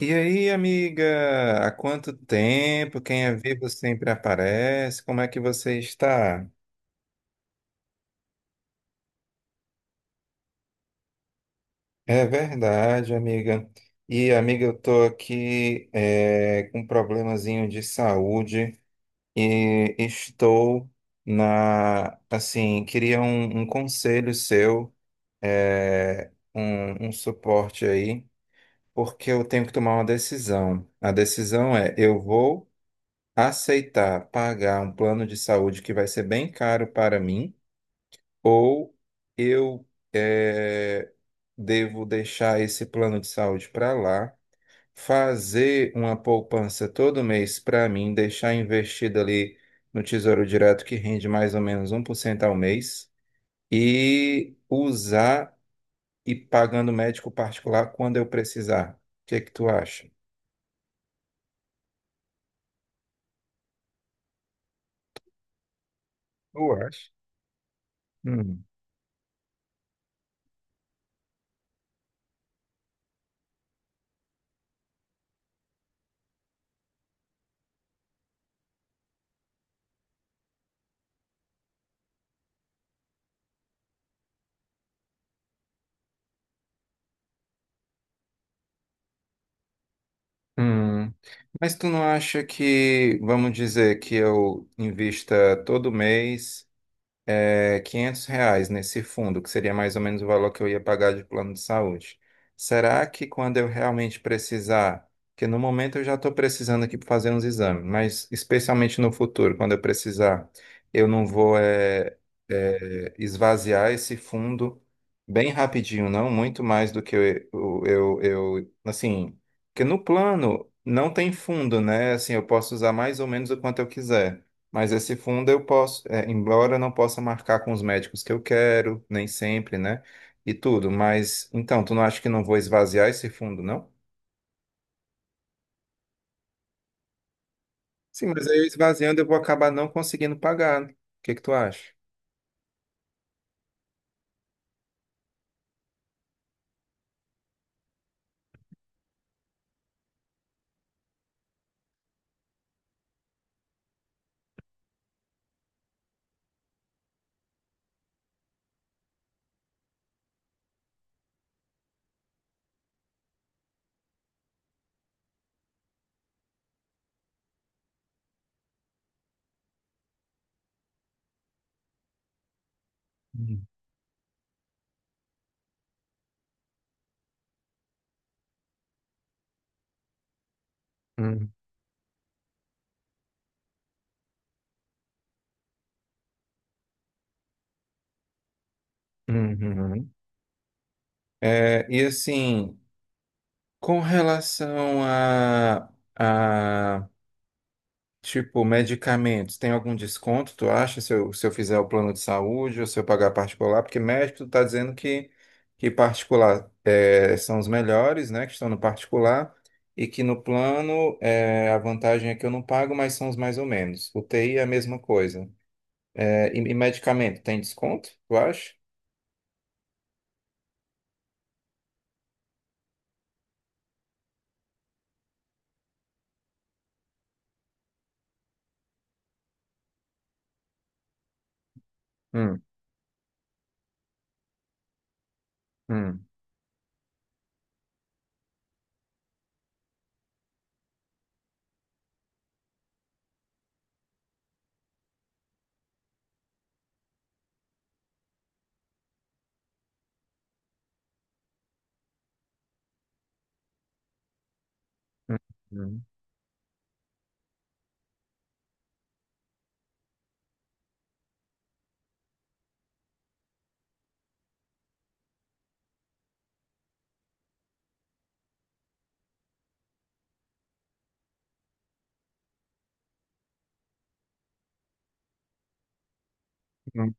E aí, amiga, há quanto tempo? Quem é vivo sempre aparece. Como é que você está? É verdade, amiga. E, amiga, eu estou aqui com um problemazinho de saúde e estou na, assim, queria um conselho seu, um suporte aí, porque eu tenho que tomar uma decisão. A decisão é, eu vou aceitar pagar um plano de saúde que vai ser bem caro para mim, ou eu eh, devo deixar esse plano de saúde para lá, fazer uma poupança todo mês para mim, deixar investido ali no Tesouro Direto, que rende mais ou menos 1% ao mês, e usar e pagando médico particular quando eu precisar. O que que tu acha? Eu acho. Hum, mas tu não acha que, vamos dizer, que eu invista todo mês? R$ 500 nesse fundo, que seria mais ou menos o valor que eu ia pagar de plano de saúde. Será que quando eu realmente precisar, porque no momento eu já estou precisando aqui para fazer uns exames, mas especialmente no futuro, quando eu precisar, eu não vou esvaziar esse fundo bem rapidinho, não, muito mais do que eu, eu eu assim, porque no plano não tem fundo, né? Assim, eu posso usar mais ou menos o quanto eu quiser. Mas esse fundo eu posso, é, embora eu não possa marcar com os médicos que eu quero, nem sempre, né? E tudo, mas então, tu não acha que não vou esvaziar esse fundo, não? Sim, mas aí eu esvaziando eu vou acabar não conseguindo pagar. Né? O que que tu acha? Hum. Hum, hum, hum. É, e assim, com relação a, tipo, medicamentos, tem algum desconto, tu acha, se eu fizer o plano de saúde ou se eu pagar particular? Porque médico, tu tá dizendo que particular são os melhores, né, que estão no particular, e que no plano a vantagem é que eu não pago, mas são os mais ou menos. UTI é a mesma coisa. Eh, e medicamento, tem desconto, tu acha? Hum, hum, hum, hum, hum.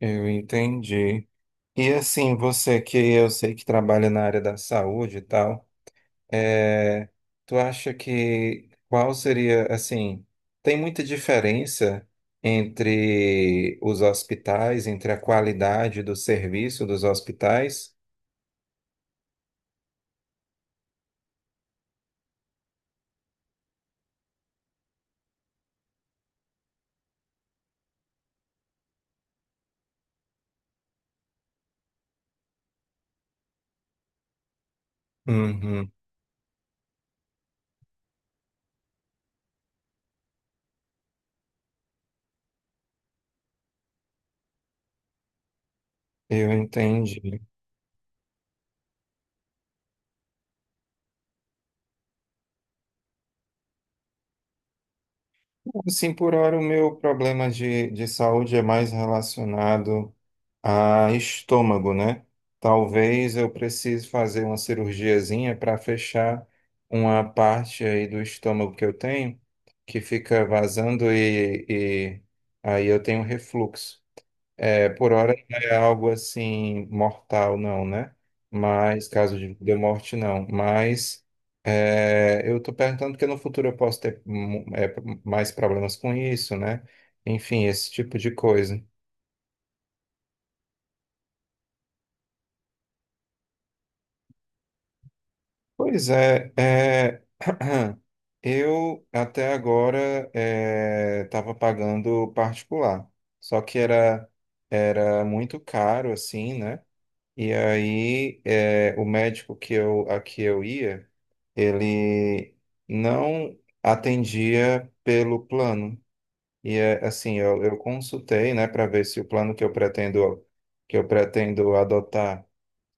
Eu entendi. E assim, você que eu sei que trabalha na área da saúde e tal, é, tu acha que qual seria, assim, tem muita diferença entre os hospitais, entre a qualidade do serviço dos hospitais? Uhum, eu entendi. Assim, por hora, o meu problema de saúde é mais relacionado. Ah, estômago, né? Talvez eu precise fazer uma cirurgiazinha para fechar uma parte aí do estômago que eu tenho, que fica vazando e aí eu tenho refluxo. É, por hora não é algo assim mortal, não, né? Mas, caso de morte, não. Mas é, eu estou perguntando porque no futuro eu posso ter mais problemas com isso, né? Enfim, esse tipo de coisa. Pois é, é, eu até agora estava pagando particular, só que era, era muito caro assim, né? E aí é, o médico que eu, a que eu ia, ele não atendia pelo plano. E é, assim, eu consultei, né, para ver se o plano que eu pretendo adotar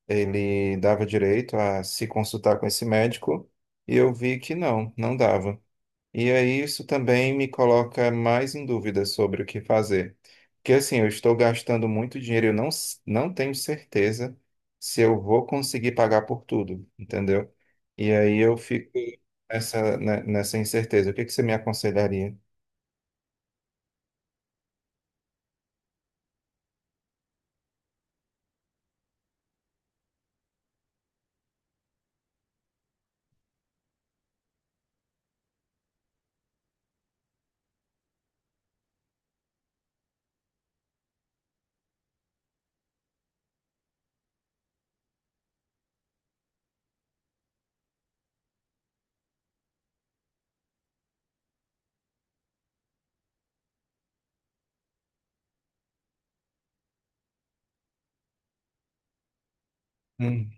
ele dava direito a se consultar com esse médico e eu vi que não, não dava. E aí isso também me coloca mais em dúvida sobre o que fazer. Porque assim, eu estou gastando muito dinheiro, eu não, s- não tenho certeza se eu vou conseguir pagar por tudo, entendeu? E aí eu fico nessa, ne- nessa incerteza. O que que você me aconselharia? Hum,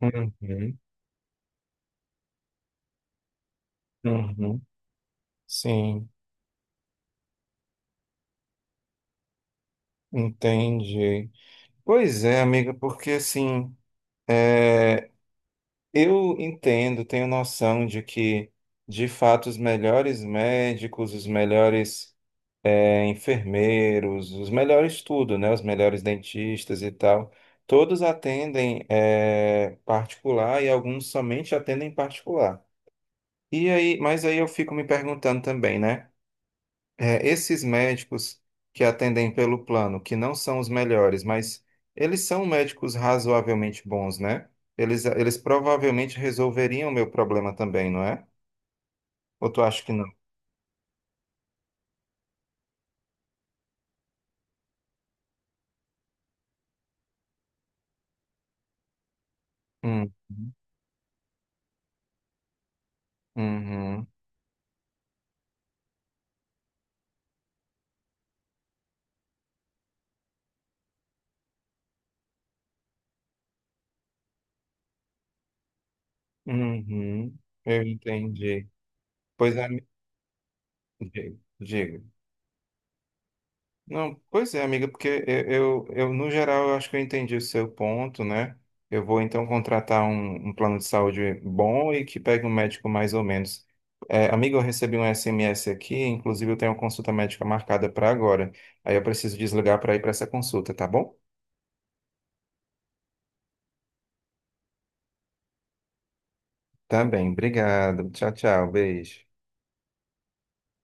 Uhum, uhum. Sim, entendi. Pois é, amiga, porque assim, é, eu entendo, tenho noção de que, de fato, os melhores médicos, os melhores enfermeiros, os melhores tudo, né? Os melhores dentistas e tal, todos atendem particular e alguns somente atendem particular. E aí, mas aí eu fico me perguntando também, né? É, esses médicos que atendem pelo plano, que não são os melhores, mas eles são médicos razoavelmente bons, né? Eles provavelmente resolveriam o meu problema também, não é? Ou tu acha que não? Hum, uhum, uhum, eu entendi. Pois é, diga. Não, pois é, amiga, porque no geral, eu acho que eu entendi o seu ponto, né? Eu vou então contratar um plano de saúde bom e que pegue um médico mais ou menos. É, amiga, eu recebi um SMS aqui, inclusive eu tenho uma consulta médica marcada para agora. Aí eu preciso desligar para ir para essa consulta, tá bom? Tá bem, obrigado. Tchau, tchau, beijo.